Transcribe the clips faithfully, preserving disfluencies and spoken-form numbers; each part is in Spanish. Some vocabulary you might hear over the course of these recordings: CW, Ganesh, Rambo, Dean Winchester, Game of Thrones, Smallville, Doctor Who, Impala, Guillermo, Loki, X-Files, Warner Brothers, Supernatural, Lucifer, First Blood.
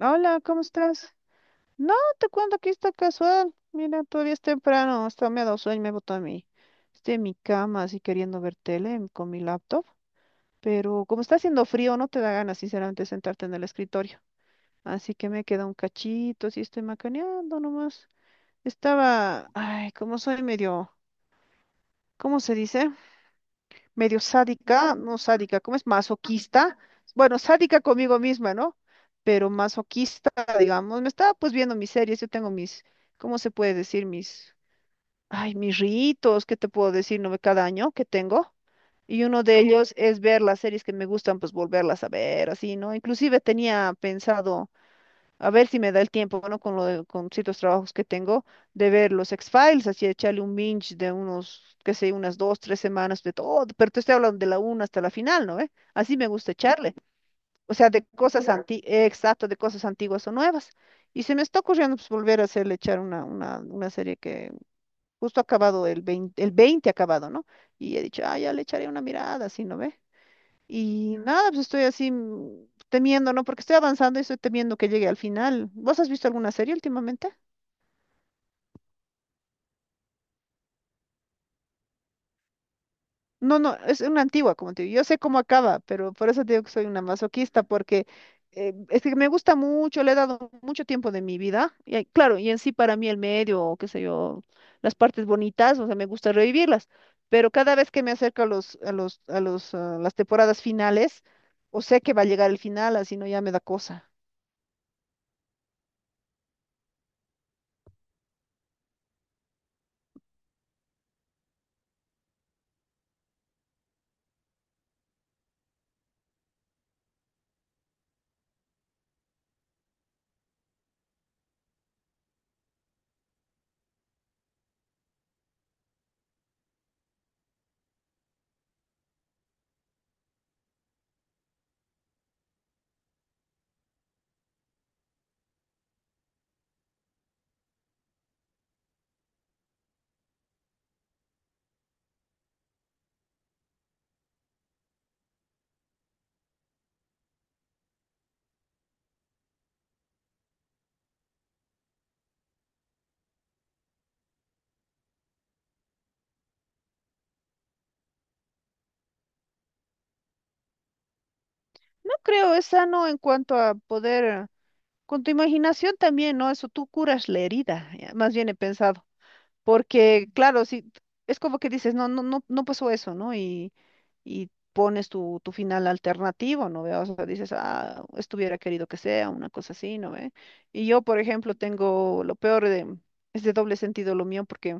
Hola, ¿cómo estás? No, te cuento que está casual. Mira, todavía es temprano, hasta me ha dado sueño, me he botado a mi, estoy en mi cama así queriendo ver tele con mi laptop, pero como está haciendo frío no te da ganas sinceramente sentarte en el escritorio, así que me queda un cachito, así estoy macaneando nomás. Estaba, ay, como soy medio, ¿cómo se dice? Medio sádica, no sádica, ¿cómo es? Masoquista. Bueno, sádica conmigo misma, ¿no? Pero masoquista, digamos. Me estaba pues viendo mis series, yo tengo mis, ¿cómo se puede decir? Mis, ay, mis ritos, ¿qué te puedo decir? No, cada año que tengo. Y uno de Ujú. Ellos es ver las series que me gustan, pues volverlas a ver, así, ¿no? Inclusive tenía pensado a ver si me da el tiempo, bueno, con lo de- con ciertos trabajos que tengo, de ver los X-Files, así echarle un binge de unos, qué sé, unas dos, tres semanas de todo, pero te estoy hablando de la una hasta la final, ¿no ve? Así me gusta echarle, o sea, de cosas antiguas, exacto, de cosas antiguas o nuevas. Y se me está ocurriendo pues, volver a hacerle echar una, una, una serie que justo ha acabado el veinte el veinte ha acabado, ¿no? Y he dicho, ah, ya le echaré una mirada, así, ¿no ve? Y nada, pues estoy así mm, temiendo, ¿no? Porque estoy avanzando y estoy temiendo que llegue al final. ¿Vos has visto alguna serie últimamente? No, no, es una antigua, como te digo. Yo sé cómo acaba, pero por eso te digo que soy una masoquista, porque eh, es que me gusta mucho, le he dado mucho tiempo de mi vida. Y hay- claro, y en sí para mí el medio, o qué sé yo, las partes bonitas, o sea, me gusta revivirlas. Pero cada vez que me acerco a los, a los, a los, ah, las temporadas finales, o sé que va a llegar el final, así no ya me da cosa. No creo, es sano en cuanto a poder, con tu imaginación también, ¿no? Eso tú curas la herida, ya, más bien he pensado, porque claro, si es como que dices, no, no, no, no pasó eso, ¿no? Y, y pones tu, tu final alternativo, ¿no ve? O sea, dices, ah, estuviera querido que sea, una cosa así, ¿no ve? Y yo, por ejemplo, tengo lo peor de, es de doble sentido lo mío, porque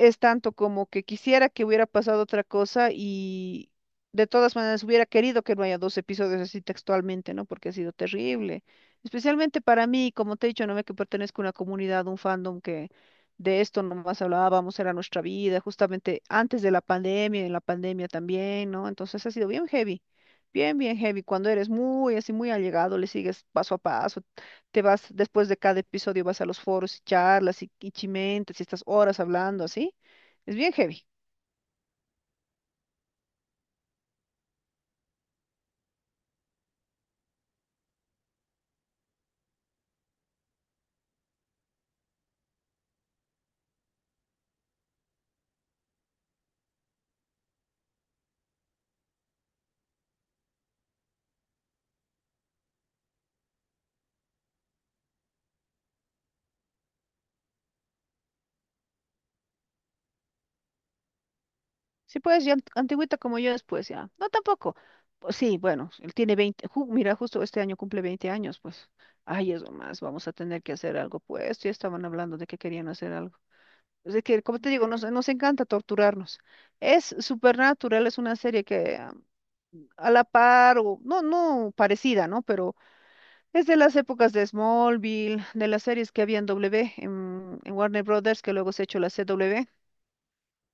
es tanto como que quisiera que hubiera pasado otra cosa y de todas maneras hubiera querido que no haya dos episodios así textualmente, ¿no? Porque ha sido terrible. Especialmente para mí, como te he dicho, no me que pertenezco a una comunidad, un fandom que de esto nomás hablábamos, era nuestra vida, justamente antes de la pandemia, y en la pandemia también, ¿no? Entonces ha sido bien heavy. Bien, bien heavy. Cuando eres muy así, muy allegado, le sigues paso a paso, te vas, después de cada episodio vas a los foros y charlas y, y chimentes y estás horas hablando así. Es bien heavy. Sí, pues, ya ant- antigüita como yo después, ya. No, tampoco. Pues sí, bueno, él tiene veinte ju- mira, justo este año cumple veinte años, pues. Ay, eso más, vamos a tener que hacer algo, pues. Ya estaban hablando de que querían hacer algo. Es de que, como te digo, nos, nos encanta torturarnos. Es Supernatural, es una serie que ah, a la par, o no, no parecida, ¿no? Pero es de las épocas de Smallville, de las series que había en W, en, en Warner Brothers, que luego se ha hecho la C W,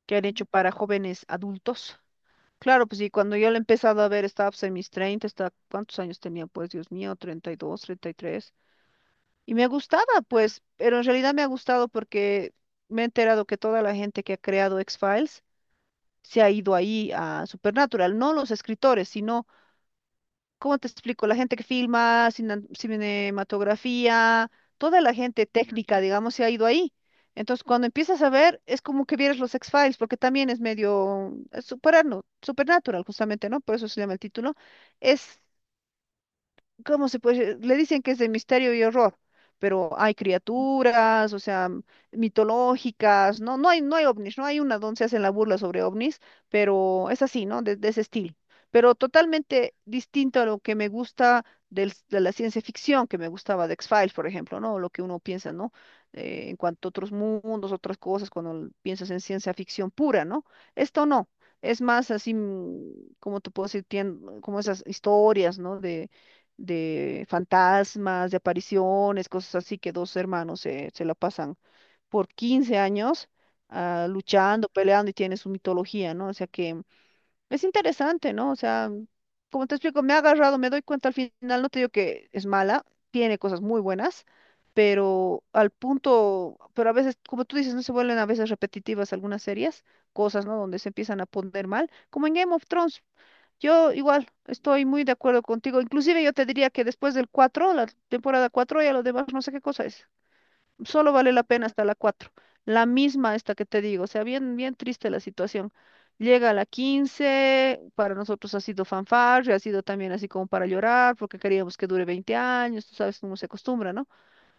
que han hecho para jóvenes adultos. Claro, pues y cuando yo la he empezado a ver, estaba pues, en mis treinta, estaba, ¿cuántos años tenía? Pues Dios mío, treinta treinta y dos, treinta y tres. Y me gustaba, pues, pero en realidad me ha gustado porque me he enterado que toda la gente que ha creado X-Files se ha ido ahí a Supernatural, no los escritores, sino. ¿Cómo te explico? La gente que filma, cinan- cinematografía, toda la gente técnica, digamos, se ha ido ahí. Entonces, cuando empiezas a ver, es como que vieras los X-Files, porque también es medio eh, superarno- supernatural, justamente, ¿no? Por eso se llama el título. Es ¿cómo se puede? Le dicen que es de misterio y horror, pero hay criaturas, o sea, m- mitológicas, no, no hay, no hay ovnis, no hay una donde se hacen la burla sobre ovnis, pero es así, ¿no? De, de ese estilo. Pero totalmente distinto a lo que me gusta del, s- de la ciencia ficción, que me gustaba de X-Files, por ejemplo, ¿no? Lo que uno piensa, ¿no? Eh, en cuanto a otros mundos, otras cosas, cuando l- piensas en ciencia ficción pura, ¿no? Esto no. Es más así, mm, como te puedo decir, tien- como esas historias, ¿no? De, de fantasmas, de apariciones, cosas así, que dos hermanos se, se la pasan por quince años ah, luchando, peleando y tiene su mitología, ¿no? O sea que es interesante, ¿no? O sea, como te explico, me ha agarrado, me doy cuenta al final, no te digo que es mala, tiene cosas muy buenas. Pero al punto, pero a veces, como tú dices, no se vuelven a veces repetitivas algunas series, cosas, ¿no? Donde se empiezan a poner mal, como en Game of Thrones. Yo igual estoy muy de acuerdo contigo. Inclusive yo te diría que después del cuatro la temporada cuatro, ya lo demás no sé qué cosa es. Solo vale la pena hasta la cuatro. La misma esta que te digo. O sea, bien, bien triste la situación. Llega a la quince para nosotros ha sido fanfarria, ha sido también así como para llorar, porque queríamos que dure veinte años, tú sabes cómo se acostumbra, ¿no?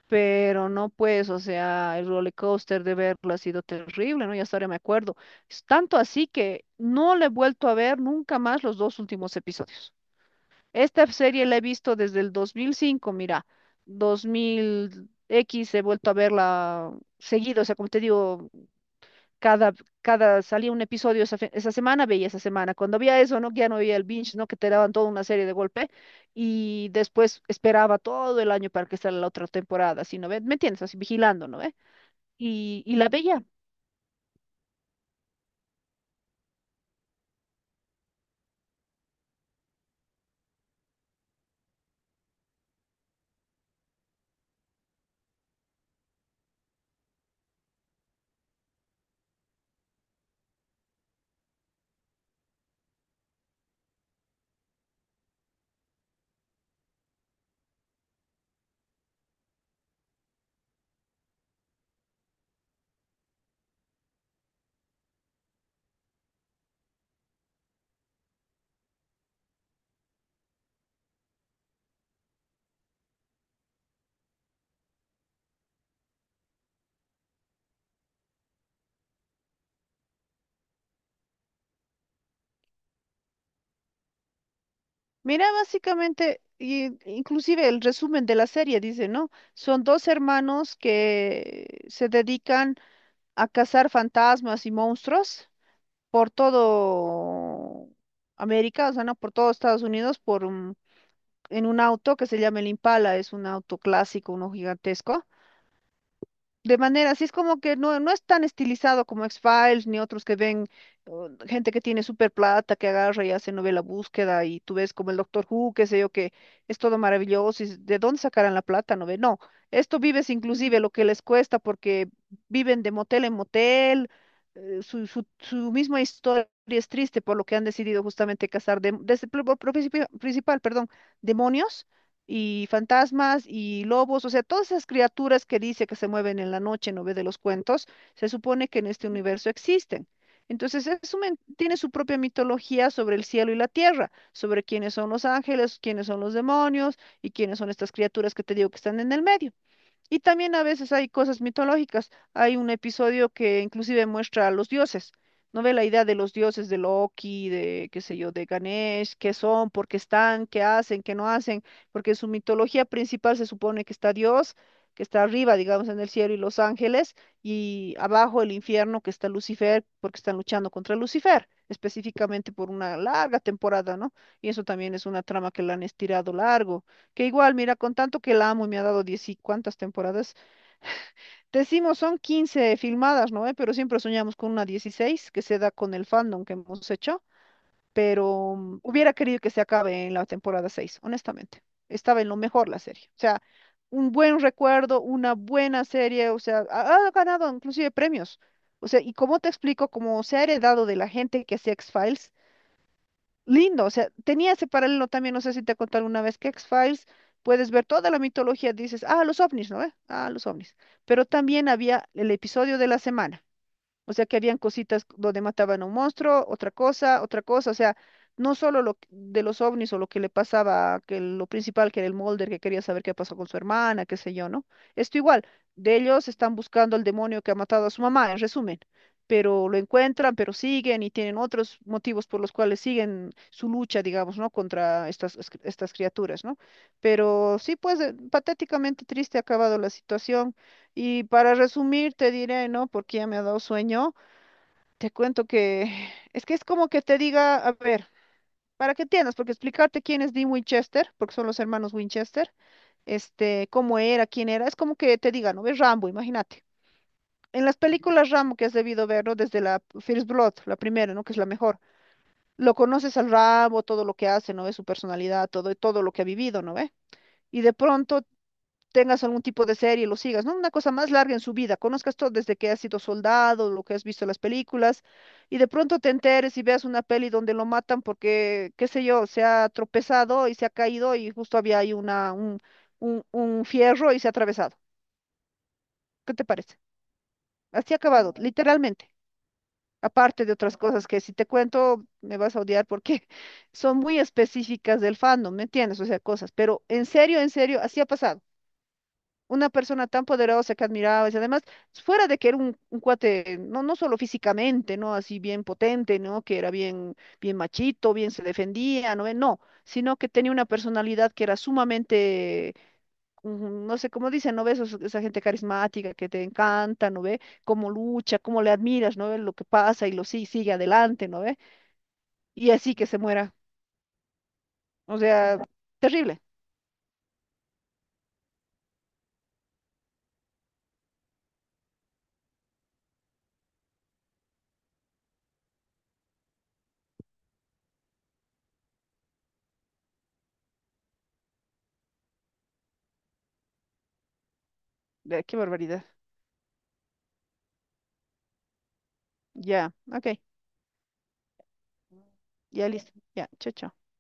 Pero no, pues, o sea, el roller coaster de verlo ha sido terrible, ¿no? Ya hasta ahora me acuerdo. Es tanto así que no le he vuelto a ver nunca más los dos últimos episodios. Esta serie la he visto desde el dos mil cinco, mira, dos mil equis he vuelto a verla seguido, o sea, como te digo, cada, cada salía un episodio esa, fe- esa semana, veía esa semana. Cuando había eso, ¿no? Ya no había el binge, ¿no? Que te daban toda una serie de golpe y después esperaba todo el año para que saliera la otra temporada, así, ¿no ve? ¿Me entiendes? Así vigilando, ¿no ve? Y, y la veía. Mira, básicamente, y- inclusive el resumen de la serie dice, ¿no? Son dos hermanos que se dedican a cazar fantasmas y monstruos por todo América, o sea, no por todo Estados Unidos, por un en un auto que se llama el Impala, es un auto clásico, uno gigantesco. De manera, así es como que no, no es tan estilizado como X-Files ni otros que ven uh, gente que tiene super plata, que agarra y hace novela búsqueda y tú ves como el Doctor Who, qué sé yo, que es todo maravilloso y s- de dónde sacarán la plata, no ve. No, esto vives inclusive lo que les cuesta porque viven de motel en motel, eh, su, su, su misma historia es triste por lo que han decidido justamente casar, de, desde, por- por principio- principal, perdón, demonios y fantasmas y lobos, o sea, todas esas criaturas que dice que se mueven en la noche, ¿no ve? De los cuentos, se supone que en este universo existen. Entonces, es un men- tiene su propia mitología sobre el cielo y la tierra, sobre quiénes son los ángeles, quiénes son los demonios y quiénes son estas criaturas que te digo que están en el medio. Y también a veces hay cosas mitológicas. Hay un episodio que inclusive muestra a los dioses. ¿No ve la idea de los dioses de Loki, de qué sé yo, de Ganesh, qué son, por qué están, qué hacen, qué no hacen? Porque en su mitología principal se supone que está Dios, que está arriba, digamos, en el cielo y los ángeles, y abajo el infierno, que está Lucifer, porque están luchando contra Lucifer, específicamente por una larga temporada, ¿no? Y eso también es una trama que la han estirado largo, que igual, mira, con tanto que la amo y me ha dado diez y cuántas temporadas, decimos son quince filmadas, ¿no? ¿Eh? Pero siempre soñamos con una dieciséis que se da con el fandom que hemos hecho, pero mm, hubiera querido que se acabe en la temporada seis honestamente. Estaba en lo mejor la serie. O sea, un buen recuerdo, una buena serie, o sea, ha, ha ganado inclusive premios. O sea, y como te explico, como se ha heredado de la gente que hacía x Files lindo, o sea, tenía ese paralelo también, no sé si te conté alguna vez que X-Files, puedes ver toda la mitología, dices, ah, los ovnis, ¿no? Eh, ah, los ovnis. Pero también había el episodio de la semana. O sea, que habían cositas donde mataban a un monstruo, otra cosa, otra cosa. O sea, no solo lo que- de los ovnis o lo que le pasaba, que lo principal que era el Mulder, que quería saber qué pasó con su hermana, qué sé yo, ¿no? Esto igual, de ellos están buscando al demonio que ha matado a su mamá, en resumen. Pero lo encuentran, pero siguen y tienen otros motivos por los cuales siguen su lucha, digamos, ¿no? Contra estas, estas criaturas, ¿no? Pero sí, pues, eh, patéticamente triste ha acabado la situación. Y para resumir, te diré, ¿no? Porque ya me ha dado sueño, te cuento que es que es como que te diga, a ver, para que entiendas, porque explicarte quién es Dean Winchester, porque son los hermanos Winchester, este, cómo era, quién era, es como que te diga, ¿no? Ves Rambo, imagínate. En las películas Rambo que has debido ver, ¿no? Desde la First Blood, la primera, ¿no? Que es la mejor. Lo conoces al Rambo, todo lo que hace, ¿no ve? Su personalidad, todo, todo lo que ha vivido, ¿no ve? Y de pronto tengas algún tipo de serie y lo sigas, ¿no? Una cosa más larga en su vida, conozcas todo desde que has sido soldado, lo que has visto en las películas, y de pronto te enteres y veas una peli donde lo matan porque, qué sé yo, se ha tropezado y se ha caído y justo había ahí una, un, un, un fierro y se ha atravesado. ¿Qué te parece? Así ha acabado, literalmente. Aparte de otras cosas que si te cuento me vas a odiar porque son muy específicas del fandom, ¿me entiendes? O sea, cosas, pero en serio, en serio, así ha pasado. Una persona tan poderosa que admirabas, y además, fuera de que era un, un cuate, no, no solo físicamente, ¿no? Así bien potente, ¿no? Que era bien, bien machito, bien se defendía, ¿no ve? No, sino que tenía una personalidad que era sumamente, mm, no sé cómo dicen, ¿no ves? Esos- Esa gente carismática que te encanta, ¿no ve? Cómo lucha, cómo le admiras, ¿no ve? Lo que pasa y lo sí, sigue adelante, ¿no ve? Y así que se muera. O sea, terrible. Ve, qué barbaridad. Ya, ok. Ya listo. Ya, chao, chao.